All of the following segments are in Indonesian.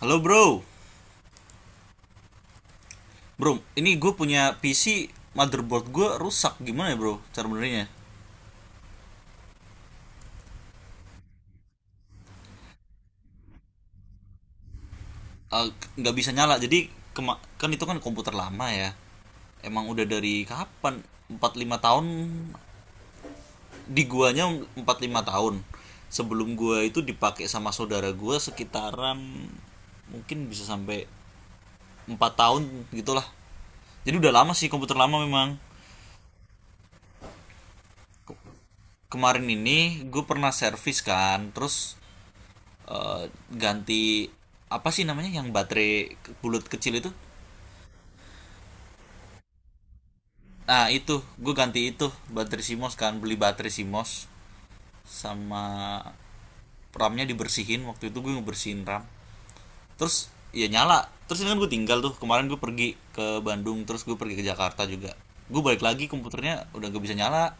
Halo bro, ini gue punya PC motherboard gue rusak gimana ya, bro? Cara benernya. Eh, nggak bisa nyala. Jadi kan itu kan komputer lama ya. Emang udah dari kapan? Empat lima tahun di guanya empat lima tahun. Sebelum gua itu dipakai sama saudara gua sekitaran mungkin bisa sampai 4 tahun gitulah. Jadi udah lama sih komputer lama memang. Kemarin ini gue pernah servis, kan, terus eh, ganti, apa sih namanya, yang baterai bulat kecil itu. Nah itu gue ganti itu baterai Simos, kan beli baterai Simos. Sama, ramnya dibersihin, waktu itu gue ngebersihin ram. Terus ya nyala. Terus ini kan gue tinggal tuh, kemarin gue pergi ke Bandung terus gue pergi ke Jakarta juga. Gue balik lagi komputernya udah gak bisa nyala.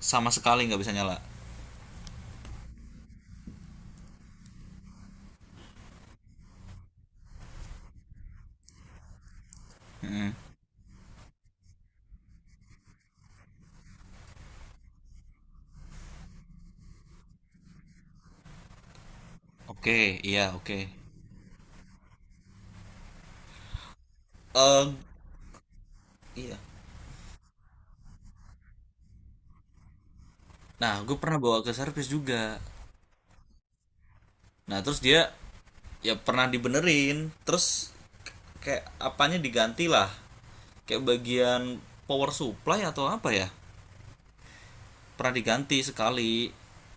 Sama sekali nggak bisa nyala. Mm-mm. Oke, okay, iya, oke, eh, iya. Nah gue pernah bawa ke servis juga. Nah, terus dia ya pernah dibenerin, terus kayak apanya diganti lah. Kayak bagian power supply atau apa ya? Pernah diganti sekali.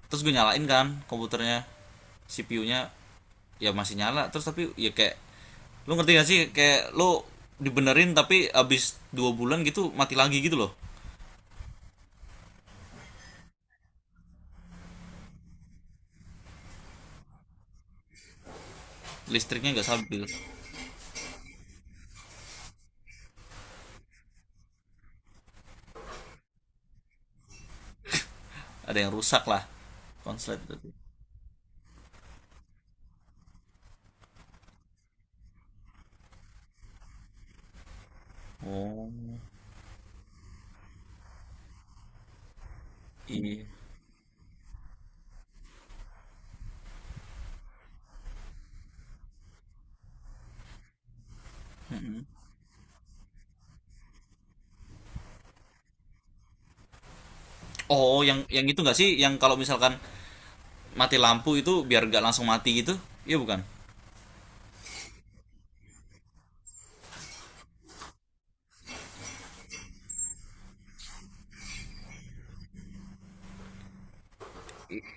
Terus gue nyalain kan komputernya. CPU-nya ya masih nyala, terus tapi ya kayak lu ngerti gak sih kayak lu dibenerin tapi abis 2 bulan gitu mati lagi gitu loh. Listriknya nggak stabil. Ada yang rusak lah. Konslet. Oh, iya. Oh, yang itu nggak sih? Yang kalau misalkan mati lampu itu biar gak langsung mati gitu. Iya, bukan.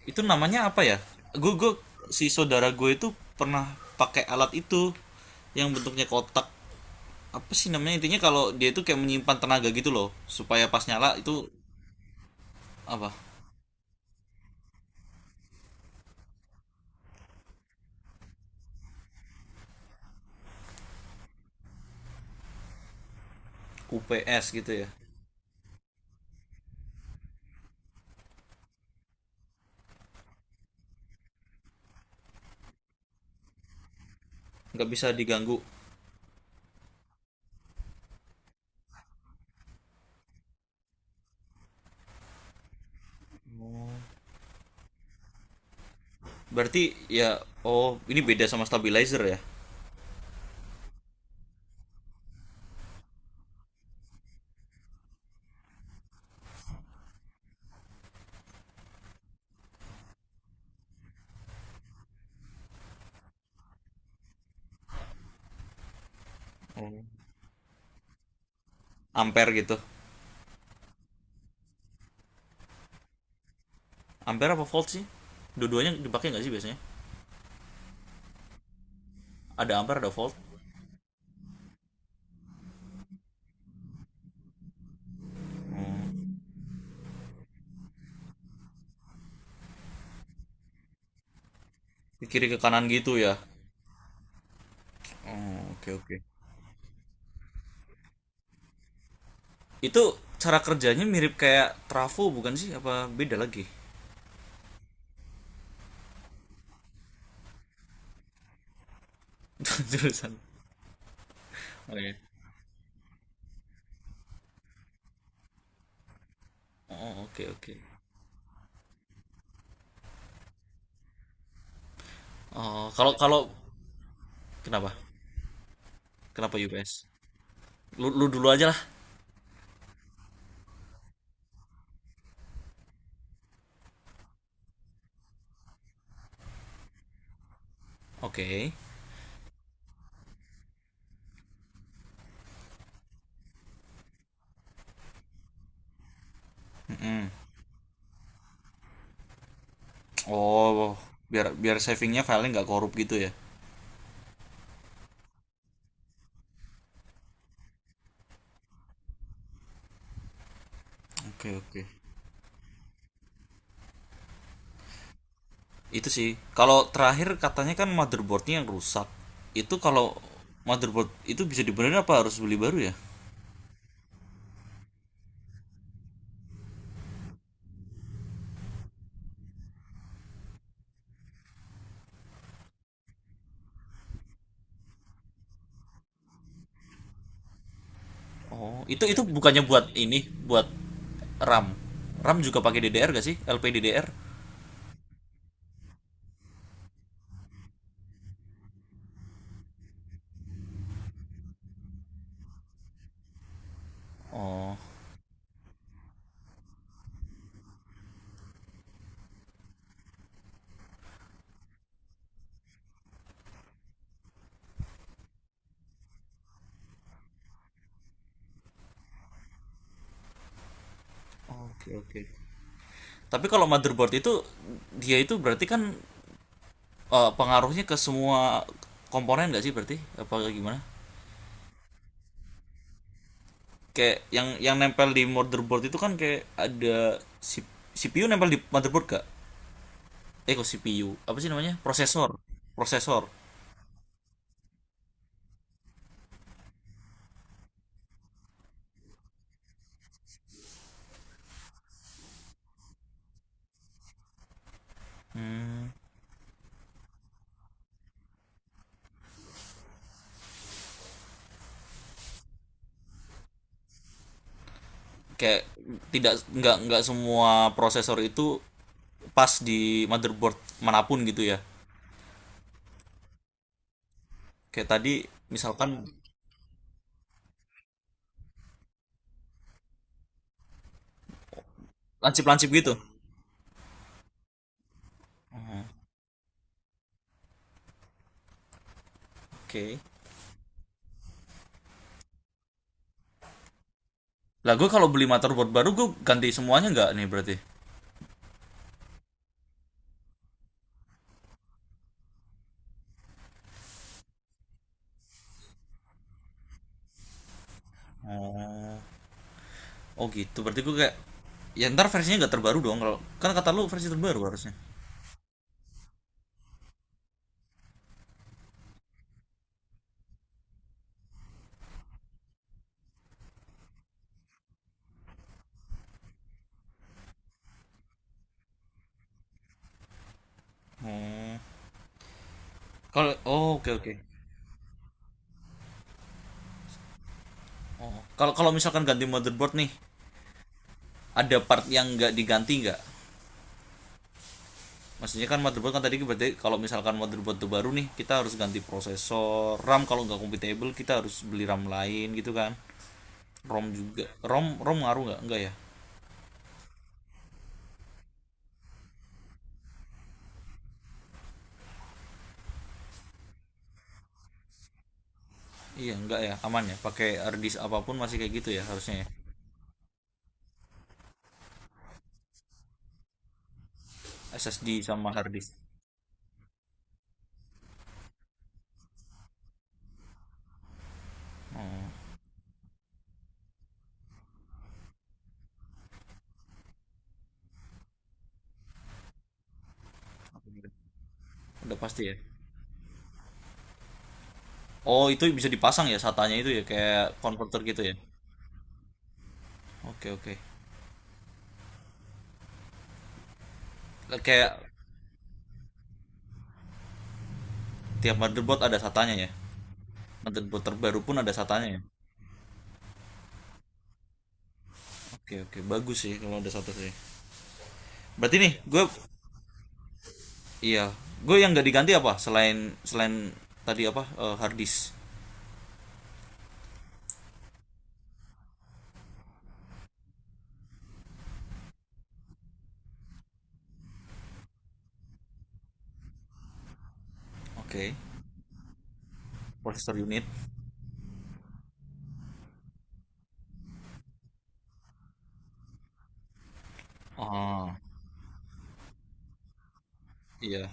Itu namanya apa ya? Gue, si saudara gue itu pernah pakai alat itu yang bentuknya kotak, apa sih namanya, intinya kalau dia itu kayak menyimpan tenaga gitu loh supaya pas nyala itu apa. UPS gitu ya. Nggak bisa diganggu berarti ya. Oh, ini beda sama stabilizer ya? Ampere gitu. Ampere apa volt sih? Dua-duanya dipakai nggak sih biasanya? Ada ampere ada volt. Ke kiri ke kanan gitu ya. Oh, oke, oke. Itu cara kerjanya mirip kayak trafo bukan sih? Apa beda lagi? Jurusan. Oke. Oh, oke, oke. Oh, kalau kalau kenapa? Kenapa UPS? Lu dulu aja lah. Oke. Hmm. Oh, biar biar savingnya filenya nggak korup gitu ya. Oke, oke. Itu sih. Kalau terakhir katanya kan motherboardnya yang rusak. Itu kalau motherboard itu bisa dibenerin apa harus beli baru ya? Oh, itu bukannya buat ini, buat RAM. RAM juga pakai DDR gak sih? LPDDR. Oh. Oke, oke. Tapi kalau motherboard itu, dia itu berarti kan pengaruhnya ke semua komponen gak sih berarti? Apa gimana? Kayak yang nempel di motherboard itu kan kayak ada CPU nempel di motherboard gak? Eh kok CPU? Apa sih namanya? Prosesor. Prosesor. Kayak tidak nggak nggak semua prosesor itu pas di motherboard manapun gitu ya. Kayak tadi, misalkan, lancip-lancip gitu. Oke, okay. Lah gue kalau beli motherboard baru gue ganti semuanya nggak nih berarti? Oh gitu, berarti gue kayak, ya ntar versinya nggak terbaru dong, kalau kan kata lu versi terbaru harusnya. Kalau, oh, oke, okay, oke, okay. Oh, kalau kalau misalkan ganti motherboard nih, ada part yang nggak diganti nggak? Maksudnya kan motherboard kan tadi berarti, kalau misalkan motherboard itu baru nih, kita harus ganti prosesor, RAM, kalau nggak compatible kita harus beli RAM lain gitu kan? ROM juga, ROM, ROM ngaruh nggak ya? Iya, enggak ya, aman ya. Pakai hard disk apapun masih kayak gitu ya harusnya ya. SSD sama hard disk. Udah pasti ya. Oh, itu bisa dipasang ya satanya itu ya kayak konverter gitu ya. Oke, oke. Kayak, tiap motherboard ada satanya ya. Motherboard terbaru pun ada satanya ya. Oke, oke. Bagus sih kalau ada SATA sih. Berarti nih, gue, iya, gue yang nggak diganti apa selain selain tadi apa hard disk. Oke. Processor unit. Ah, iya.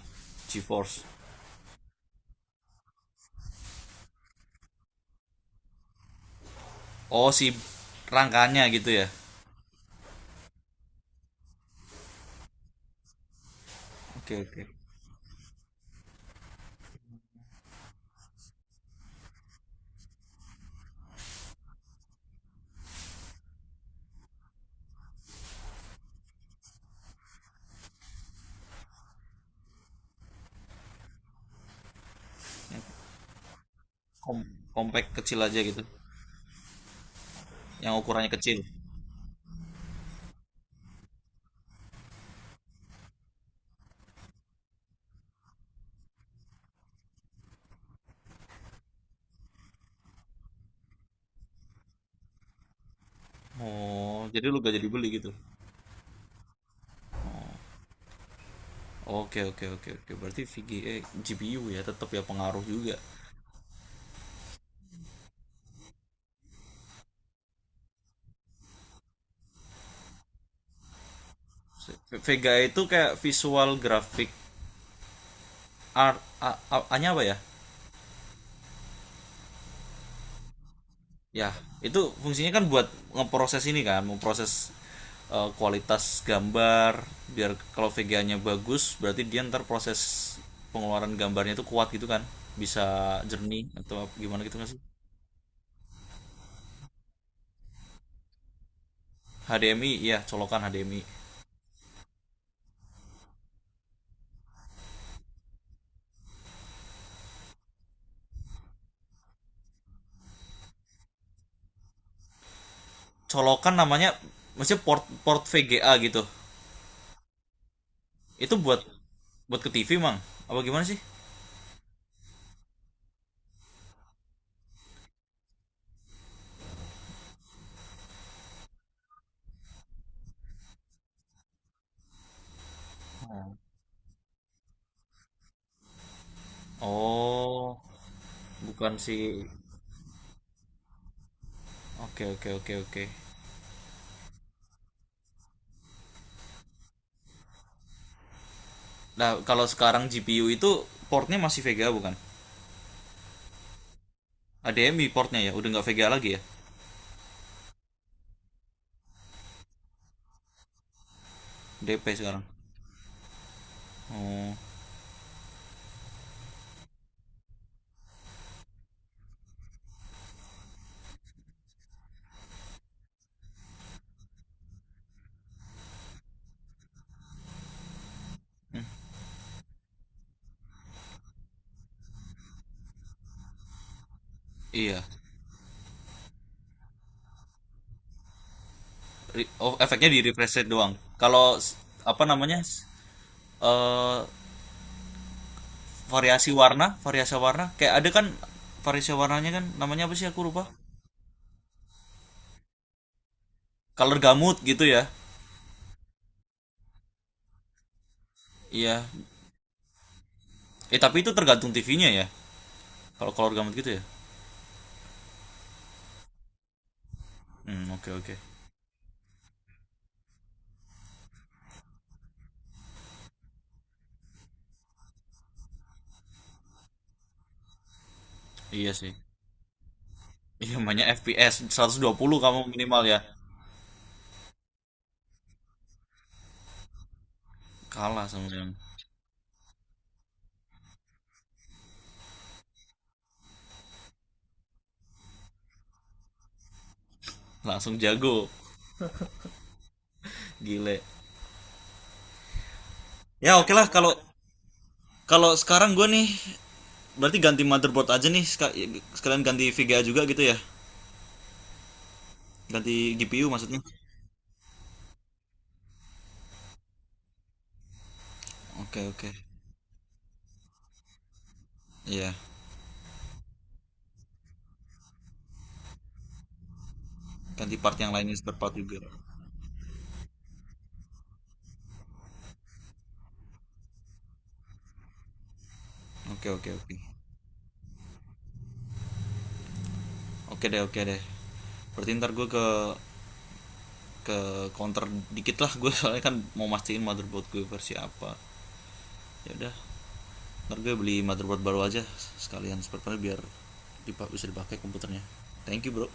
GeForce. Oh, si rangkanya gitu ya. Oke, oke. Yang kom- compact kecil aja gitu. Yang ukurannya kecil. Oh, jadi lu gak jadi beli gitu. Oke, oke, oke, oke. Berarti VGA, GPU ya tetap ya pengaruh juga. Vega itu kayak visual graphic art, A-nya apa ya? Ya itu fungsinya kan buat ngeproses, ini kan memproses kualitas gambar, biar kalau VGA-nya bagus berarti dia ntar proses pengeluaran gambarnya itu kuat gitu, kan bisa jernih atau gimana gitu nggak sih? HDMI, ya colokan HDMI, colokan namanya, maksudnya port port VGA gitu, itu buat buat ke TV mang, apa gimana sih? Oh, bukan sih. Oke, oke, oke, oke. Nah kalau sekarang GPU itu portnya masih VGA bukan? HDMI portnya ya, udah nggak VGA lagi ya. DP sekarang. Oh iya. Oh, efeknya di refresh rate doang. Kalau apa namanya eh, variasi warna, kayak ada kan, variasi warnanya kan, namanya apa sih aku lupa. Color gamut gitu ya. Iya, eh tapi itu tergantung TV-nya ya. Kalau color gamut gitu ya. Hmm, oke, okay, oke, okay. Iya sih. Iya namanya FPS 120 kamu minimal ya. Kalah sama yang langsung jago, gile. Ya oke, okay lah. Kalau kalau sekarang gue nih, berarti ganti motherboard aja nih, sekalian ganti VGA juga gitu ya. Ganti GPU maksudnya. Oke, oke. Iya, ganti part yang lainnya spare part juga. Oke, oke, oke. Oke deh, oke deh. Berarti ntar gue ke ke counter dikit lah gue soalnya kan mau mastiin motherboard gue versi apa. Ya udah, ntar gue beli motherboard baru aja sekalian spare part biar bisa dipakai komputernya. Thank you, bro.